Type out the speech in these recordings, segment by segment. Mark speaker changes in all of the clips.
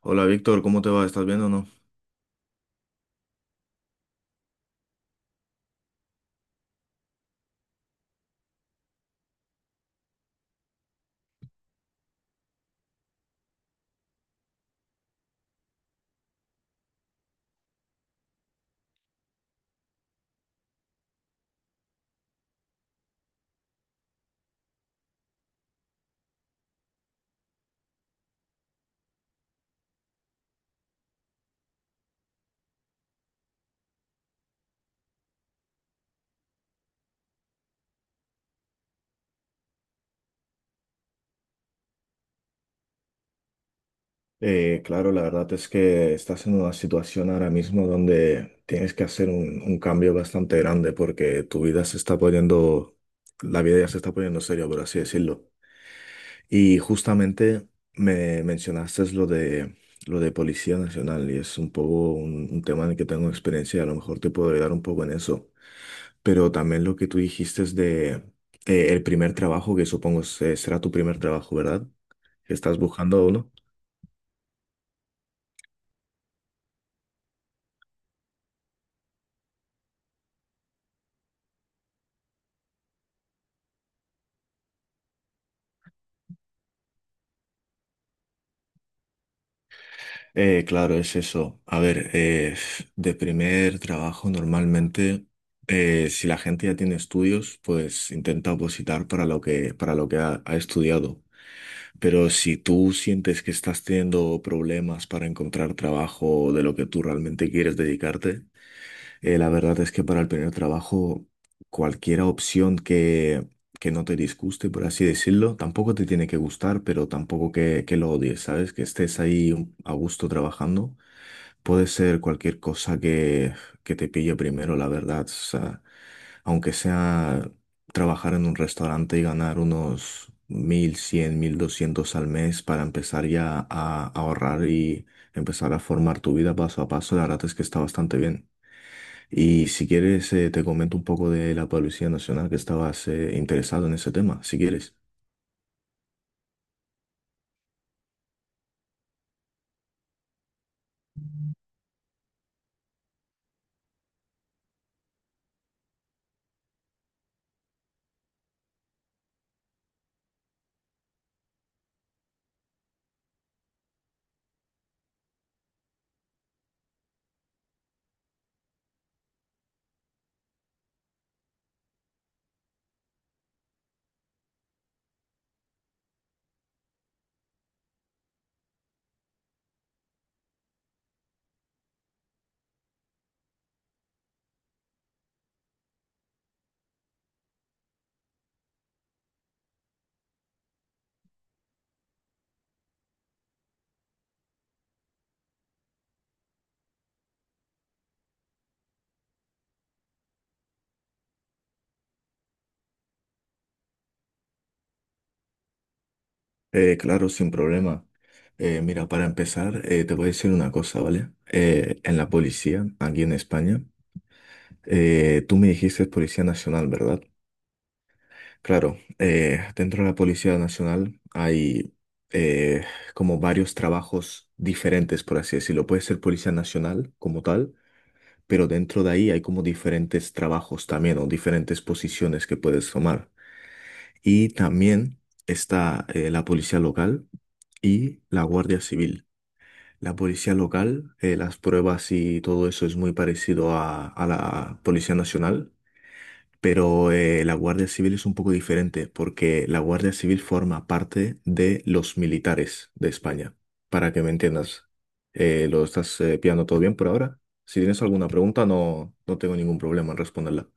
Speaker 1: Hola Víctor, ¿cómo te va? ¿Estás bien o no? Claro, la verdad es que estás en una situación ahora mismo donde tienes que hacer un cambio bastante grande porque tu vida se está poniendo, la vida ya se está poniendo seria, por así decirlo. Y justamente me mencionaste lo de Policía Nacional y es un poco un tema en el que tengo experiencia y a lo mejor te puedo ayudar un poco en eso. Pero también lo que tú dijiste es de el primer trabajo, que supongo será tu primer trabajo, ¿verdad? Estás buscando uno. Claro, es eso. A ver, de primer trabajo normalmente, si la gente ya tiene estudios, pues intenta opositar para lo que ha estudiado. Pero si tú sientes que estás teniendo problemas para encontrar trabajo de lo que tú realmente quieres dedicarte, la verdad es que para el primer trabajo, cualquier opción que no te disguste, por así decirlo, tampoco te tiene que gustar, pero tampoco que lo odies, ¿sabes? Que estés ahí a gusto trabajando. Puede ser cualquier cosa que te pille primero, la verdad. O sea, aunque sea trabajar en un restaurante y ganar unos mil cien mil doscientos al mes para empezar ya a ahorrar y empezar a formar tu vida paso a paso, la verdad es que está bastante bien. Y si quieres, te comento un poco de la Policía Nacional que estabas interesado en ese tema, si quieres. Claro, sin problema. Mira, para empezar, te voy a decir una cosa, ¿vale? En la policía, aquí en España, tú me dijiste Policía Nacional, ¿verdad? Claro, dentro de la Policía Nacional hay eh, como varios trabajos diferentes, por así decirlo. Puede ser Policía Nacional como tal, pero dentro de ahí hay como diferentes trabajos también o diferentes posiciones que puedes tomar. Y también está la Policía Local y la Guardia Civil. La policía local, las pruebas y todo eso es muy parecido a la Policía Nacional, pero la Guardia Civil es un poco diferente porque la Guardia Civil forma parte de los militares de España. Para que me entiendas. ¿Lo estás pillando todo bien por ahora? Si tienes alguna pregunta, no, no tengo ningún problema en responderla.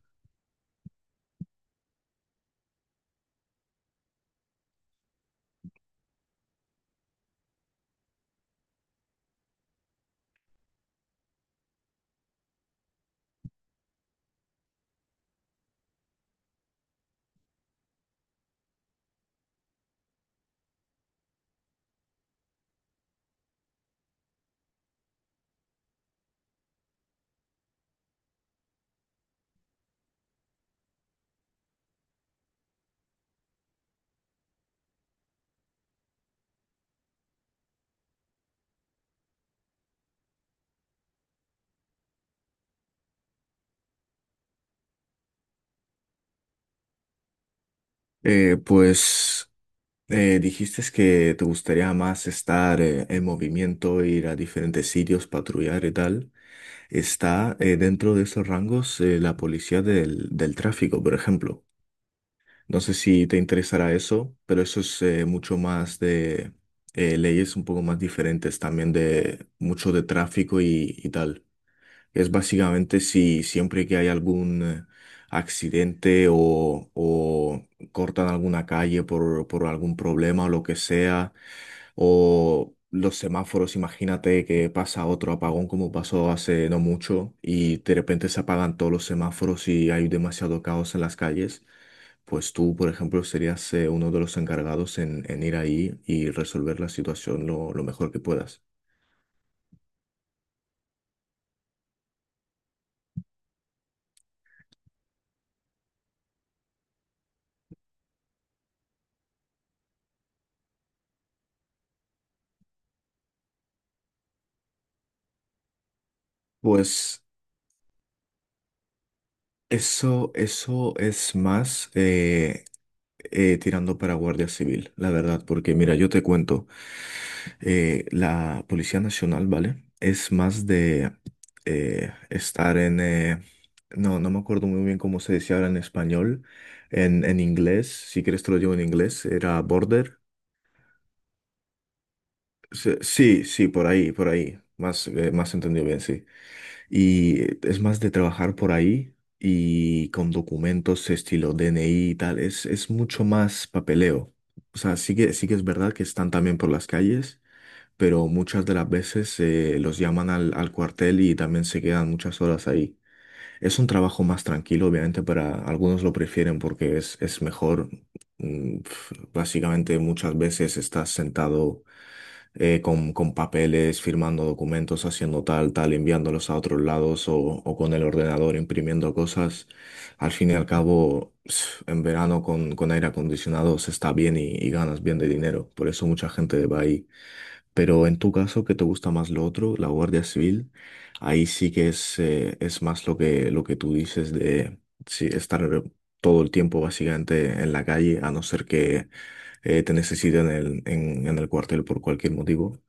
Speaker 1: Eh, pues dijiste que te gustaría más estar en movimiento, ir a diferentes sitios, patrullar y tal. Está dentro de esos rangos la policía del tráfico, por ejemplo. No sé si te interesará eso, pero eso es mucho más de leyes un poco más diferentes, también de mucho de tráfico y tal. Es básicamente si siempre que hay algún accidente o cortan alguna calle por algún problema o lo que sea, o los semáforos, imagínate que pasa otro apagón como pasó hace no mucho y de repente se apagan todos los semáforos y hay demasiado caos en las calles, pues tú, por ejemplo, serías uno de los encargados en ir ahí y resolver la situación lo mejor que puedas. Pues... eso es más tirando para Guardia Civil, la verdad, porque mira, yo te cuento, la Policía Nacional, ¿vale? Es más de estar en... no, no me acuerdo muy bien cómo se decía ahora en español, en inglés, si quieres te lo digo en inglés, era border. Sí, sí, sí, por ahí, más, más entendido bien, sí. Y es más de trabajar por ahí y con documentos estilo DNI y tal, es mucho más papeleo. O sea, sí que es verdad que están también por las calles, pero muchas de las veces los llaman al cuartel y también se quedan muchas horas ahí. Es un trabajo más tranquilo, obviamente, para algunos lo prefieren porque es mejor. Mm, pf, básicamente muchas veces estás sentado con papeles, firmando documentos, haciendo tal, tal, enviándolos a otros lados o con el ordenador imprimiendo cosas. Al fin y al cabo, en verano con aire acondicionado se está bien y ganas bien de dinero. Por eso mucha gente va ahí. Pero en tu caso, ¿qué te gusta más lo otro? La Guardia Civil, ahí sí que es más lo que tú dices de sí, estar todo el tiempo básicamente en la calle, a no ser que te necesiten en el cuartel por cualquier motivo.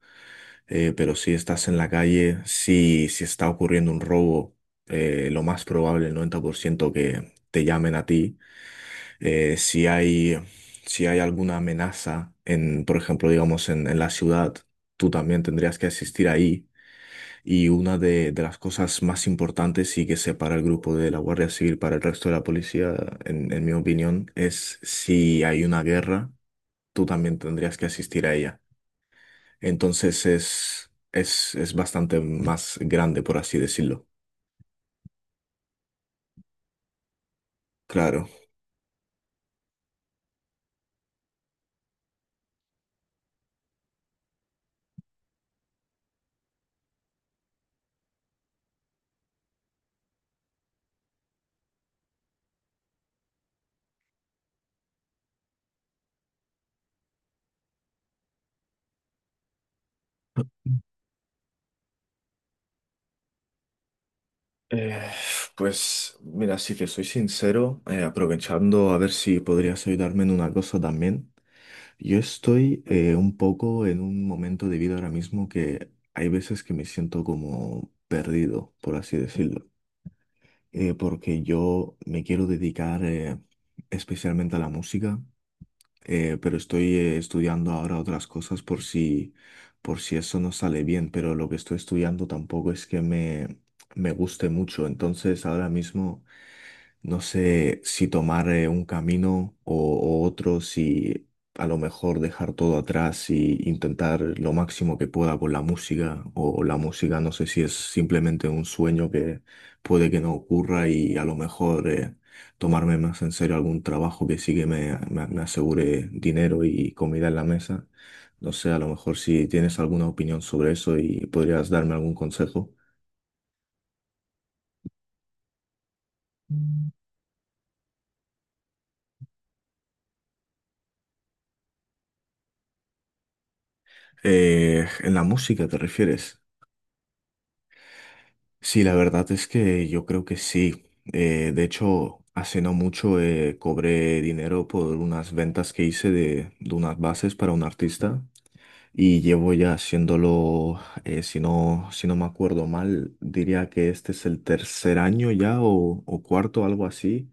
Speaker 1: Pero si estás en la calle, si, si está ocurriendo un robo, lo más probable, el 90% que te llamen a ti si hay, si hay alguna amenaza en, por ejemplo, digamos, en la ciudad, tú también tendrías que asistir ahí. Y una de las cosas más importantes y que separa el grupo de la Guardia Civil para el resto de la policía, en mi opinión, es si hay una guerra, tú también tendrías que asistir a ella. Entonces es bastante más grande, por así decirlo. Claro. Eh, pues mira, si te soy sincero, aprovechando a ver si podrías ayudarme en una cosa también. Yo estoy un poco en un momento de vida ahora mismo que hay veces que me siento como perdido, por así decirlo. Porque yo me quiero dedicar especialmente a la música, pero estoy estudiando ahora otras cosas por si eso no sale bien, pero lo que estoy estudiando tampoco es que me guste mucho, entonces ahora mismo no sé si tomar un camino o otro, si a lo mejor dejar todo atrás y intentar lo máximo que pueda con la música, o la música no sé si es simplemente un sueño que puede que no ocurra y a lo mejor... tomarme más en serio algún trabajo que sí que me asegure dinero y comida en la mesa. No sé, a lo mejor si tienes alguna opinión sobre eso y podrías darme algún consejo. ¿En la música te refieres? Sí, la verdad es que yo creo que sí. De hecho, hace no mucho cobré dinero por unas ventas que hice de unas bases para un artista y llevo ya haciéndolo, si no, si no me acuerdo mal, diría que este es el tercer año ya o cuarto, algo así.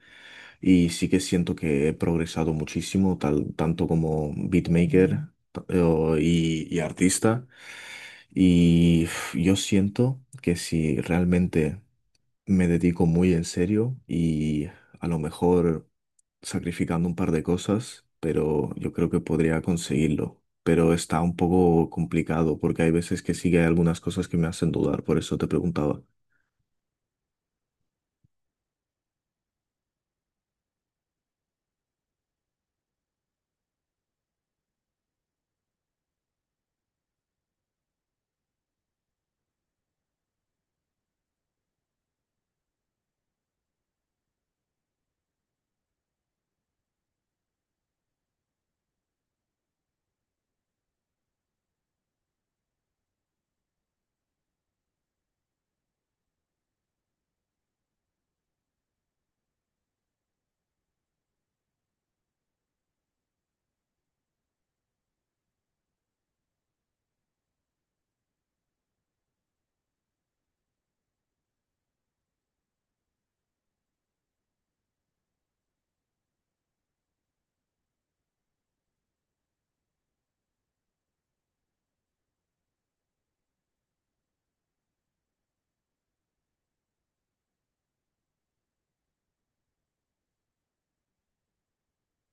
Speaker 1: Y sí que siento que he progresado muchísimo, tal, tanto como beatmaker y artista. Y uf, yo siento que si realmente me dedico muy en serio y a lo mejor sacrificando un par de cosas, pero yo creo que podría conseguirlo. Pero está un poco complicado porque hay veces que sí que hay algunas cosas que me hacen dudar, por eso te preguntaba.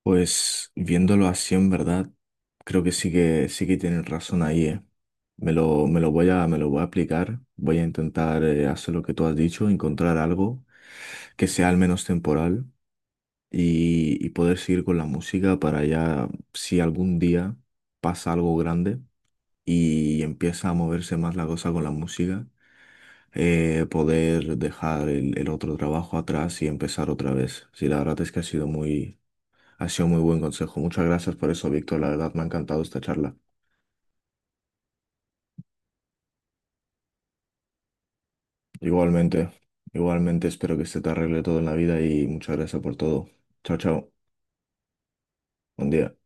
Speaker 1: Pues viéndolo así en verdad, creo que sí que tienen razón ahí, ¿eh? Me lo voy a aplicar, voy a intentar hacer lo que tú has dicho, encontrar algo que sea al menos temporal y poder seguir con la música para ya, si algún día pasa algo grande y empieza a moverse más la cosa con la música, poder dejar el otro trabajo atrás y empezar otra vez. Sí, la verdad es que ha sido muy buen consejo. Muchas gracias por eso, Víctor. La verdad me ha encantado esta charla. Igualmente, igualmente espero que se te arregle todo en la vida y muchas gracias por todo. Chao, chao. Buen día.